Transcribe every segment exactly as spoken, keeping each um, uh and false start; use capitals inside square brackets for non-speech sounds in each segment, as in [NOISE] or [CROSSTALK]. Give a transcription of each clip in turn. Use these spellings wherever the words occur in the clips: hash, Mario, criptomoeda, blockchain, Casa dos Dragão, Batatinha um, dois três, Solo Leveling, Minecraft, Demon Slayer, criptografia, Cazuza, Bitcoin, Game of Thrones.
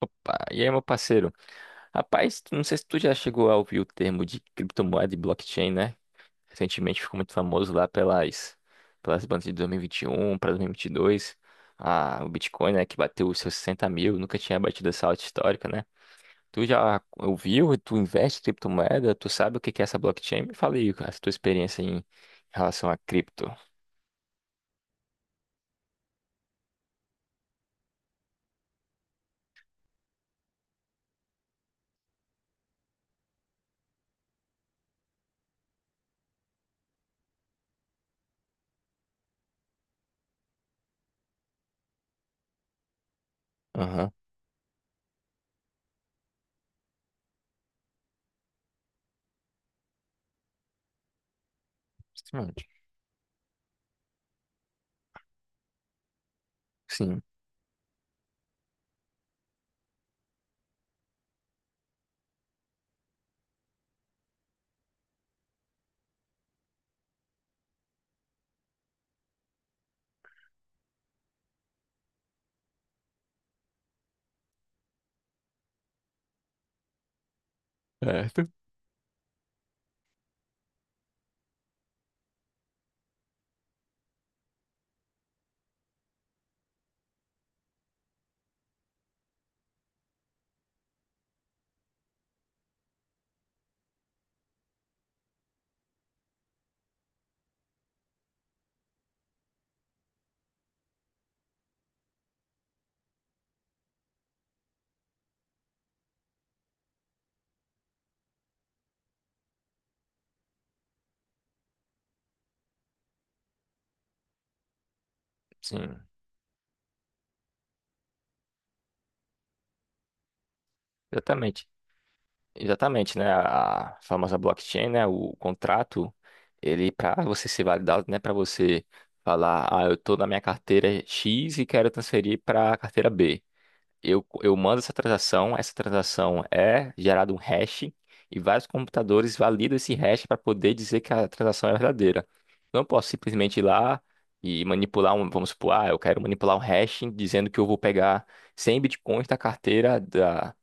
Opa, e aí, meu parceiro? Rapaz, tu- não sei se tu já chegou a ouvir o termo de criptomoeda e blockchain, né? Recentemente ficou muito famoso lá pelas, pelas bandas de dois mil e e vinte e um para dois mil e vinte e dois. Ah, o Bitcoin, né, que bateu os seus sessenta mil, nunca tinha batido essa alta histórica, né? Tu já ouviu? Tu investe em criptomoeda? Tu sabe o que que é essa blockchain? Me fala aí a tua experiência em relação a cripto. Aham. Sim. Sim. Certo. Sim, exatamente. Exatamente, né? A famosa blockchain, né? O contrato, ele para você ser validado, né? Para você falar, ah, eu tô na minha carteira X e quero transferir para a carteira B. Eu, eu mando essa transação, essa transação é gerado um hash e vários computadores validam esse hash para poder dizer que a transação é verdadeira. Eu não posso simplesmente ir lá e manipular um, vamos supor, ah, eu quero manipular um hash dizendo que eu vou pegar cem bitcoins da carteira da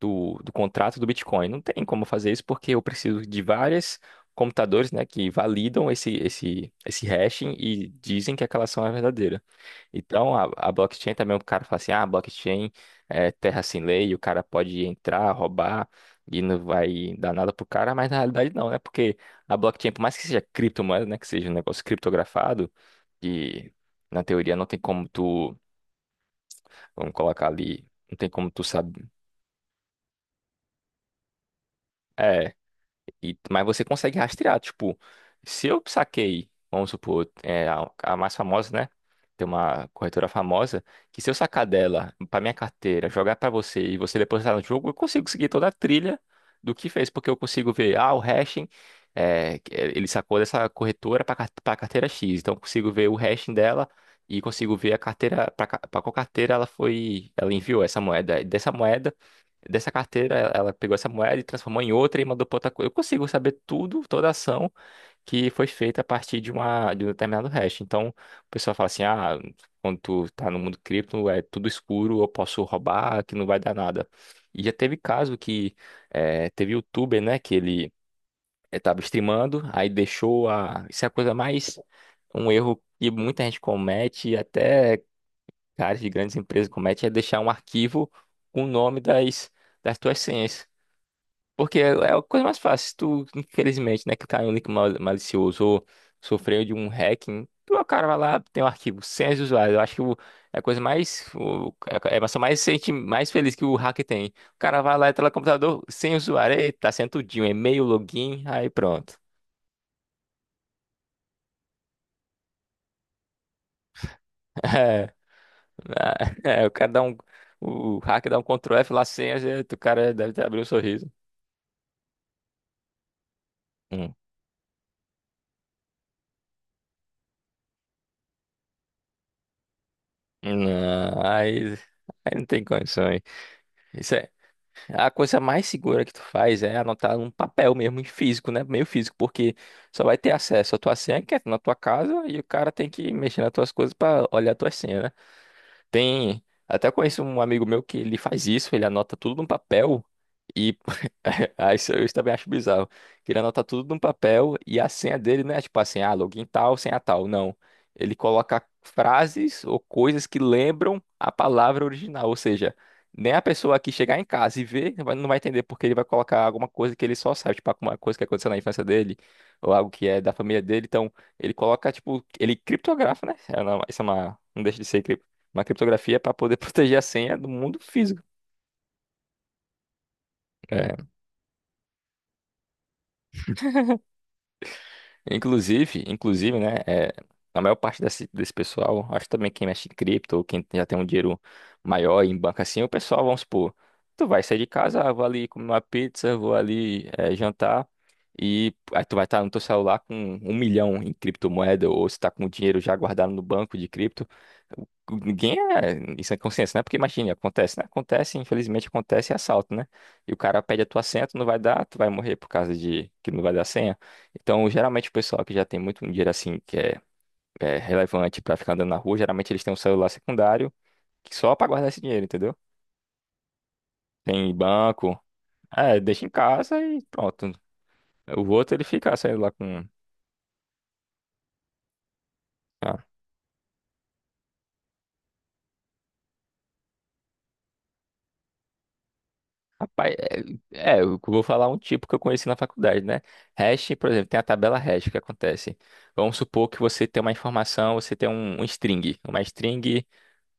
do, do contrato do Bitcoin. Não tem como fazer isso porque eu preciso de vários computadores, né, que validam esse, esse, esse hashing e dizem que aquela ação é verdadeira. Então, a, a blockchain também, o cara fala assim, ah, blockchain é terra sem lei, o cara pode entrar, roubar e não vai dar nada pro cara, mas na realidade não, né? Porque a blockchain, por mais que seja criptomoeda, né, que seja um negócio criptografado, que na teoria não tem como tu, vamos colocar ali, não tem como tu saber. é, E, mas você consegue rastrear, tipo, se eu saquei, vamos supor, é, a, a mais famosa, né? Tem uma corretora famosa, que se eu sacar dela pra minha carteira, jogar pra você e você depositar no jogo, eu consigo seguir toda a trilha do que fez, porque eu consigo ver, ah, o hashing, é, que é, ele sacou dessa corretora pra car- pra carteira X, então eu consigo ver o hashing dela e consigo ver a carteira, pra ca- pra qual carteira ela foi, ela enviou essa moeda, dessa moeda. Dessa carteira, ela pegou essa moeda e transformou em outra e mandou para outra coisa. Eu consigo saber tudo, toda a ação que foi feita a partir de, uma, de um determinado hash. Então, o pessoal fala assim: ah, quando tu tá no mundo cripto, é tudo escuro, eu posso roubar, que não vai dar nada. E já teve caso que eh, teve youtuber, né, que ele estava streamando, aí deixou a. Isso é a coisa mais. Um erro que muita gente comete, e até caras de grandes empresas cometem, é deixar um arquivo com o nome das, das tuas senhas. Porque é é a coisa mais fácil. Se tu, infelizmente, né, clicar em um link mal- malicioso ou sofreu de um hacking, tu, o cara vai lá, tem um arquivo, senhas usuários. Eu acho que o- é a coisa mais. O, é a emoção mais, sente, mais feliz que o hacker tem. O cara vai lá, entra no computador, sem usuário, eita, tá sendo tudinho, e-mail, login, aí pronto. [LAUGHS] É, é, é, o cara dá um. O hacker dá um Ctrl F lá, senhas, eita, o cara deve ter abrido um sorriso. Hum. Não, aí, aí não tem condições. A coisa mais segura que tu faz é anotar num papel mesmo, em físico, né? Meio físico, porque só vai ter acesso à tua senha, que é na tua casa, e o cara tem que mexer nas tuas coisas pra olhar a tua senha, né? Tem. Até conheço um amigo meu que ele faz isso, ele anota tudo num papel e. [LAUGHS] ah, Isso eu também acho bizarro. Que ele anota tudo num papel e a senha dele não é tipo assim, ah, login tal, senha tal. Não. Ele coloca frases ou coisas que lembram a palavra original. Ou seja, nem a pessoa que chegar em casa e ver vai- não vai entender porque ele vai colocar alguma coisa que ele só sabe, tipo alguma coisa que aconteceu na infância dele ou algo que é da família dele. Então, ele coloca, tipo, ele criptografa, né? É uma- Isso é uma. Não deixa de ser uma criptografia é para poder [LAUGHS] proteger a senha do mundo físico. É, Inclusive, inclusive, né, é, a maior parte desse, desse pessoal, acho também quem mexe em cripto, ou quem já tem um dinheiro maior em banco assim, é o pessoal, vamos supor, tu vai sair de casa, ah, vou ali comer uma pizza, vou ali eh, jantar, e aí tu vai estar no teu celular com um milhão em criptomoeda, ou se tá com o dinheiro já guardado no banco de cripto, o- o- ninguém é, isso é consciência, né, porque imagina, acontece, né, acontece, infelizmente acontece assalto, né, e o cara pede a tua senha, tu não vai dar, tu vai morrer por causa de que não vai dar senha. Então, geralmente o pessoal que já tem muito dinheiro assim, que é, é relevante pra ficar andando na rua, geralmente eles têm um celular secundário que só pra guardar esse dinheiro, entendeu? Tem banco, é, deixa em casa e pronto. O outro ele fica saindo lá com. Ah, rapaz, é, é, eu vou falar um tipo que eu conheci na faculdade, né? Hash, por exemplo, tem a tabela hash, o que acontece? Vamos supor que você tem uma informação, você tem um, um string, uma string.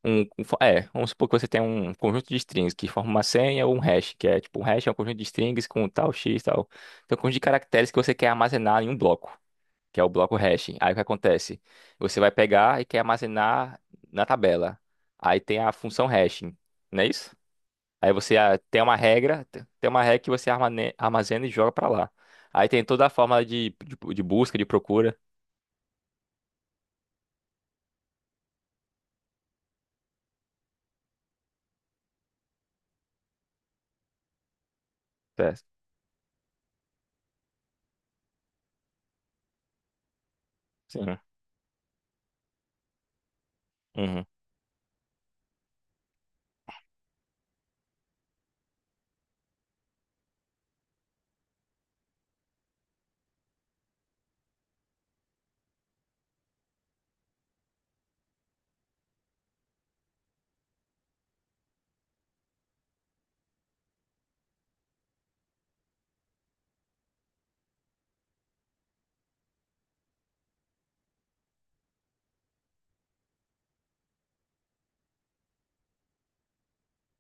Um, um fo- é, vamos supor que você tem um conjunto de strings que forma uma senha ou um hash, que é tipo um hash é um conjunto de strings com tal x tal. Então, um conjunto de caracteres que você quer armazenar em um bloco, que é o bloco hash. Aí o que acontece? Você vai pegar e quer armazenar na tabela. Aí tem a função hashing, não é isso? Aí você ah, tem uma regra, te- tem uma regra que você armane- armazena e joga pra lá. Aí tem toda a forma de, de, de busca, de procura. Certo. Sim. Uhum.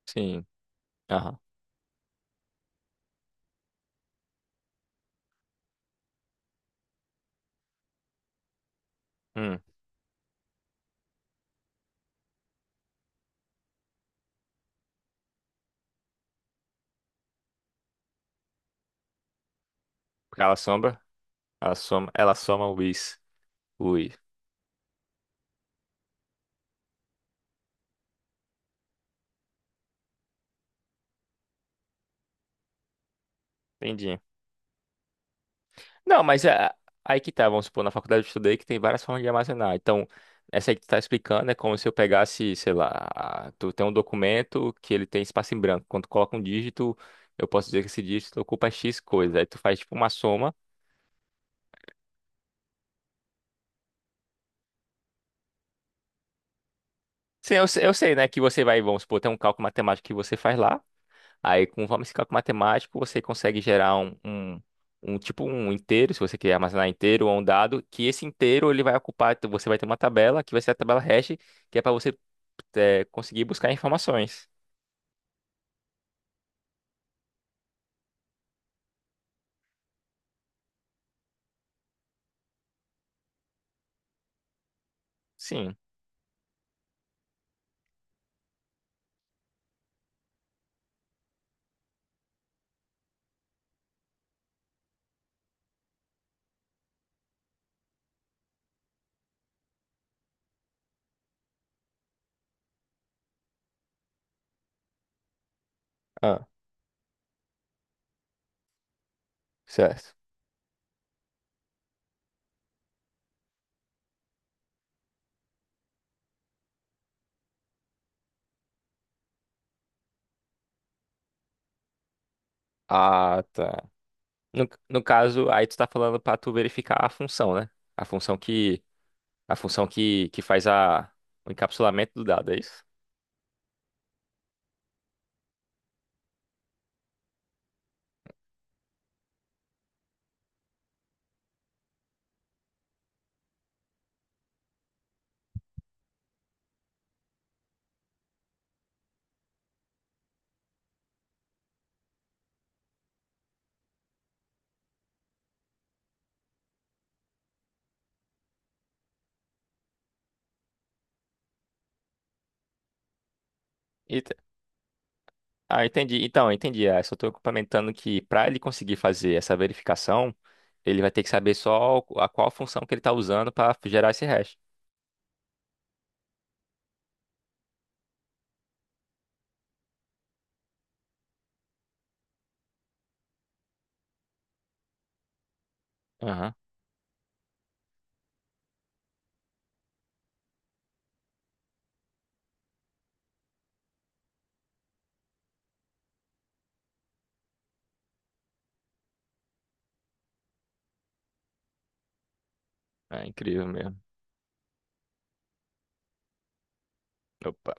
Sim. Aham. Hum. Cala a sombra. Ela soma, ela soma o is. O i. Entendi. Não, mas é, aí que tá, vamos supor, na faculdade eu estudei que tem várias formas de armazenar. Então, essa aí que tu tá explicando é como se eu pegasse, sei lá, a- tu tem um documento que ele tem espaço em branco. Quando tu coloca um dígito, eu posso dizer que esse dígito ocupa X coisa. Aí tu faz tipo uma soma. Sim, eu, sei- eu sei, né, que você vai, vamos supor, tem um cálculo matemático que você faz lá. Aí, com vamos ficar com matemático, você consegue gerar um, um, um, tipo um inteiro, se você quer armazenar inteiro ou um dado, que esse inteiro ele vai ocupar, então, você vai ter uma tabela, que vai ser a tabela hash, que é para você eh, conseguir buscar informações. Sim. Ah, certo. Ah, tá. No, no caso, aí tu tá falando para tu verificar a função, né? A função que a função que, que faz a, o encapsulamento do dado, é isso? E Ah, entendi. Então, entendi. Ah, só estou complementando que para ele conseguir fazer essa verificação, ele vai ter que saber só o- a qual função que ele está usando para gerar esse hash. Aham. É incrível mesmo. Opa.